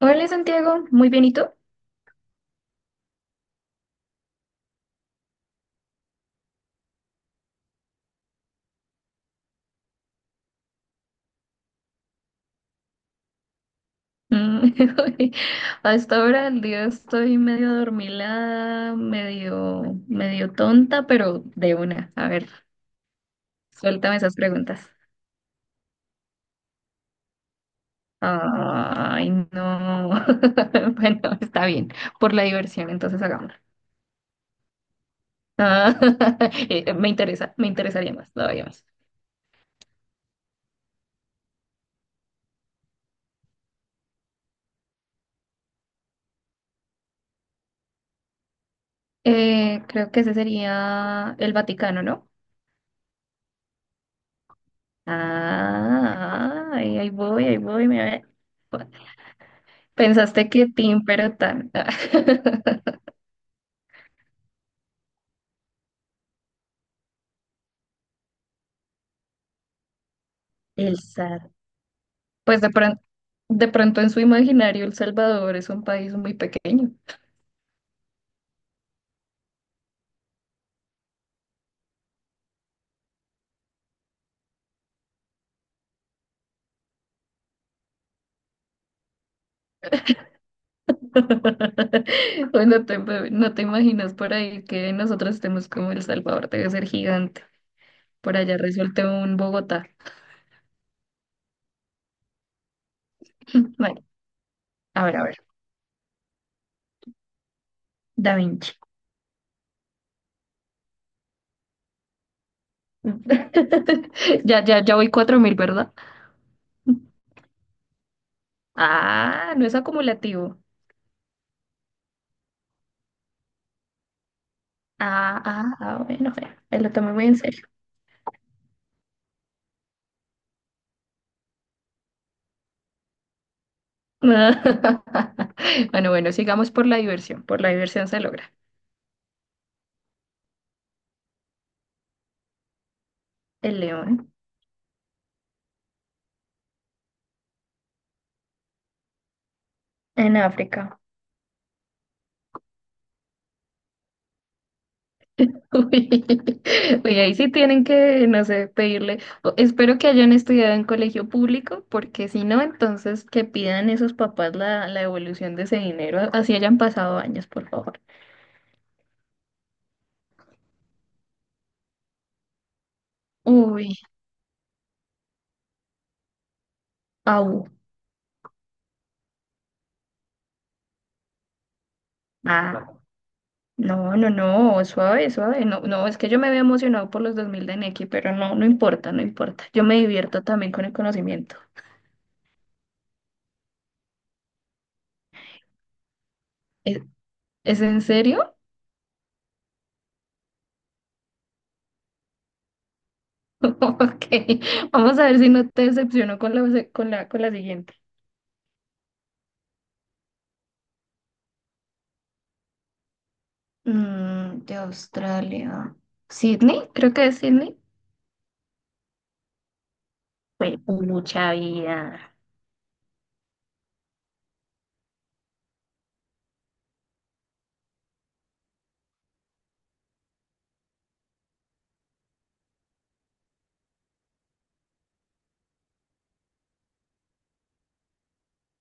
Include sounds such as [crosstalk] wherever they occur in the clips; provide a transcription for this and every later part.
Hola Santiago, muy bien, ¿y tú? Mm, [laughs] hasta ahora el día estoy medio adormilada, medio tonta, pero de una. A ver, suéltame esas preguntas. Ay, no. [laughs] Bueno, está bien, por la diversión, entonces hagámoslo. Ah, [laughs] me interesaría más, todavía más. Creo que ese sería el Vaticano, ¿no? Ah, ahí voy, me ve. Pensaste que Tim, pero tan. [laughs] El SAT. Pues de pronto en su imaginario El Salvador es un país muy pequeño. [laughs] O no te imaginas por ahí que nosotros estemos como El Salvador, debe ser gigante. Por allá resulta un Bogotá. Bueno, a ver, a ver. Da Vinci. [laughs] Ya, ya, ya voy 4.000, ¿verdad? Ah, no es acumulativo. Ah, ah, ah, bueno, bueno, me lo tomé muy en serio. [laughs] Bueno, bueno, sigamos por la diversión. Por la diversión se logra. El león en África. Uy, [laughs] uy, ahí sí tienen que, no sé, pedirle. Espero que hayan estudiado en colegio público, porque si no, entonces que pidan esos papás la devolución de ese dinero, así hayan pasado años, por favor. Uy, au, ah, no, no, no, suave, suave. No, no, es que yo me había emocionado por los 2.000 de Nequi, pero no, no importa, no importa. Yo me divierto también con el conocimiento. Eh, ¿Es en serio? [laughs] Ok, vamos a ver si no te decepciono con la siguiente. Mm, de Australia. ¿Sydney? Creo que es Sydney. Fue mucha vida.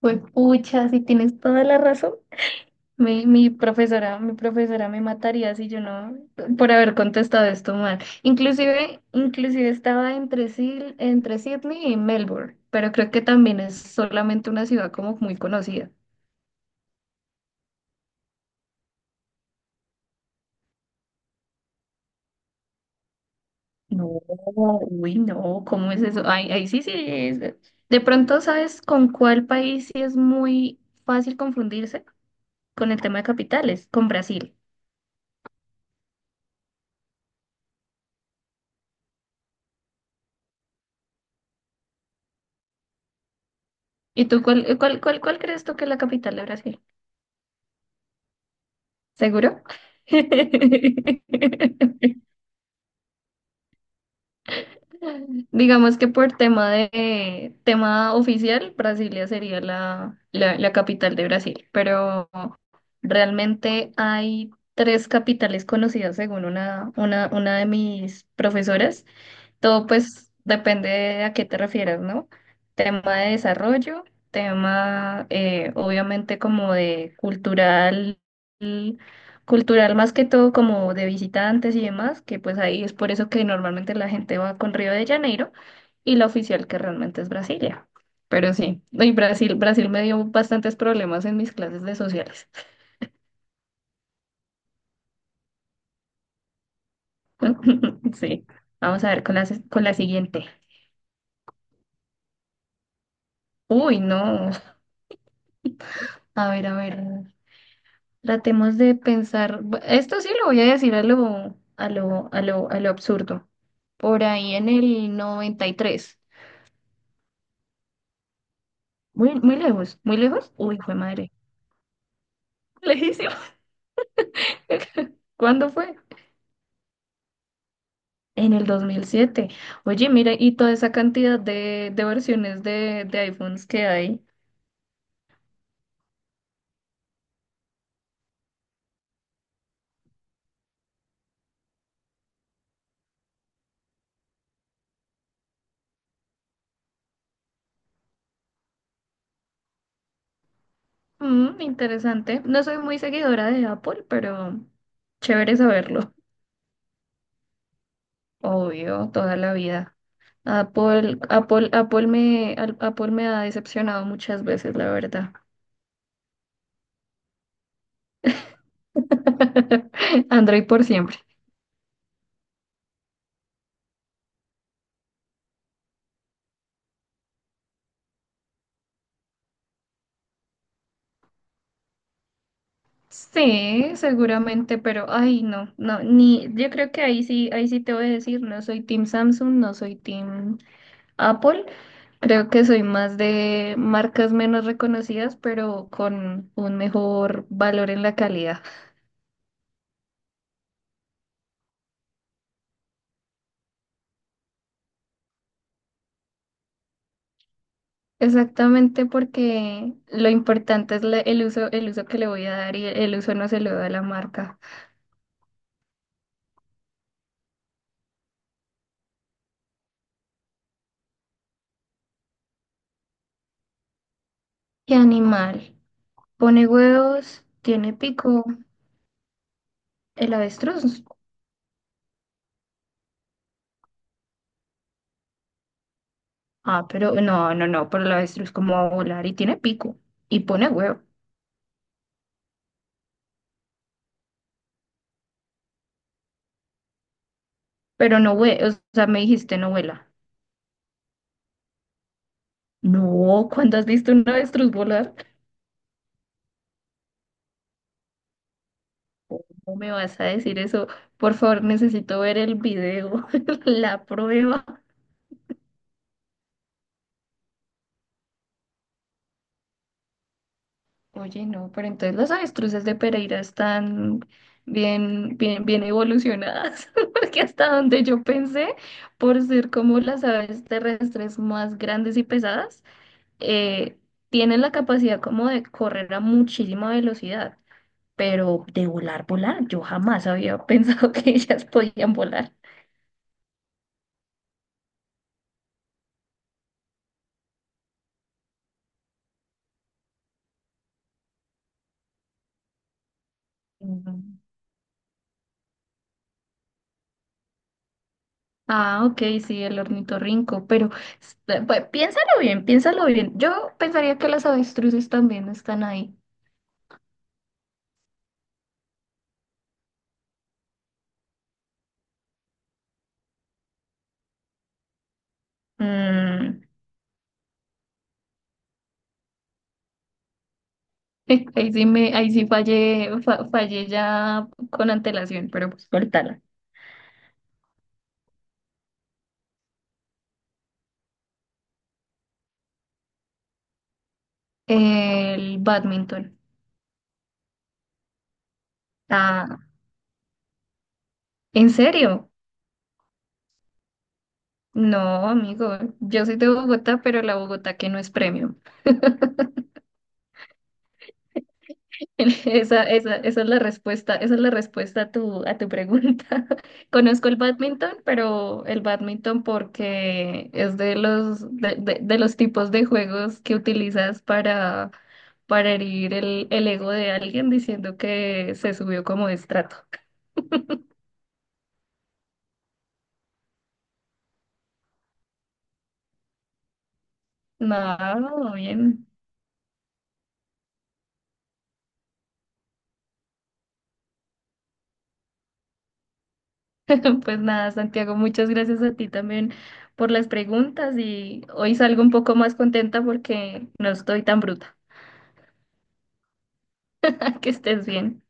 Fue pucha, si tienes toda la razón. Mi profesora, mi profesora me mataría si yo no, por haber contestado esto mal. Inclusive estaba entre Sydney y Melbourne, pero creo que también es solamente una ciudad como muy conocida. No, uy, no, ¿cómo es eso? Ay, ahí sí, sí. De pronto, ¿sabes con cuál país sí es muy fácil confundirse con el tema de capitales? Con Brasil. ¿Y tú cuál crees tú que es la capital de Brasil? ¿Seguro? [laughs] Digamos que por tema oficial, Brasilia sería la capital de Brasil, pero realmente hay tres capitales conocidas según una de mis profesoras. Todo pues depende de a qué te refieras, ¿no? Tema de desarrollo, tema obviamente como de cultural, cultural más que todo como de visitantes y demás, que pues ahí es por eso que normalmente la gente va con Río de Janeiro y la oficial que realmente es Brasilia. Pero sí, y Brasil, Brasil me dio bastantes problemas en mis clases de sociales. [laughs] Sí, vamos a ver con la siguiente. Uy, no. A ver, a ver. Tratemos de pensar, esto sí lo voy a decir a lo absurdo. Por ahí en el 93, muy, muy lejos, muy lejos. Uy, fue madre. Lejísimo. [laughs] ¿Cuándo fue? En el 2007. Oye, mira, y toda esa cantidad de versiones de iPhones que hay. Mm, interesante. No soy muy seguidora de Apple, pero chévere saberlo. Obvio, toda la vida. Apple me ha decepcionado muchas veces, la verdad. [laughs] Android por siempre. Sí, seguramente, pero ay, no, no, ni, yo creo que ahí sí te voy a decir, no soy Team Samsung, no soy Team Apple, creo que soy más de marcas menos reconocidas, pero con un mejor valor en la calidad. Exactamente porque lo importante es el uso, el uso que le voy a dar y el uso no se lo da la marca. ¿Qué animal? Pone huevos, tiene pico, el avestruz. Ah, pero no, no, no, pero el avestruz como va a volar y tiene pico y pone huevo, pero no hue, o sea, me dijiste no vuela. No, ¿cuándo has visto un avestruz volar? ¿Cómo me vas a decir eso? Por favor, necesito ver el video, [laughs] la prueba. Oye, no, pero entonces las avestruces de Pereira están bien, bien, bien evolucionadas, [laughs] porque hasta donde yo pensé, por ser como las aves terrestres más grandes y pesadas, eh, tienen la capacidad como de correr a muchísima velocidad, pero de volar, volar, yo jamás había [laughs] pensado que ellas podían volar. Mm. Ah, ok, sí, el ornitorrinco, pero pues, piénsalo bien, piénsalo bien. Yo pensaría que las avestruces también están ahí. Mm, ahí sí fallé ya con antelación, pero pues cortala. El badminton. Ah, ¿en serio? No, amigo, yo soy de Bogotá, pero la Bogotá que no es premium. [laughs] Esa es la respuesta, esa es la respuesta a tu pregunta. [laughs] Conozco el badminton, pero el badminton porque es de los tipos de juegos que utilizas para herir el ego de alguien diciendo que se subió como de estrato. Nada, bien. [laughs] Pues nada, Santiago, muchas gracias a ti también por las preguntas y hoy salgo un poco más contenta porque no estoy tan bruta. [laughs] Que estés bien.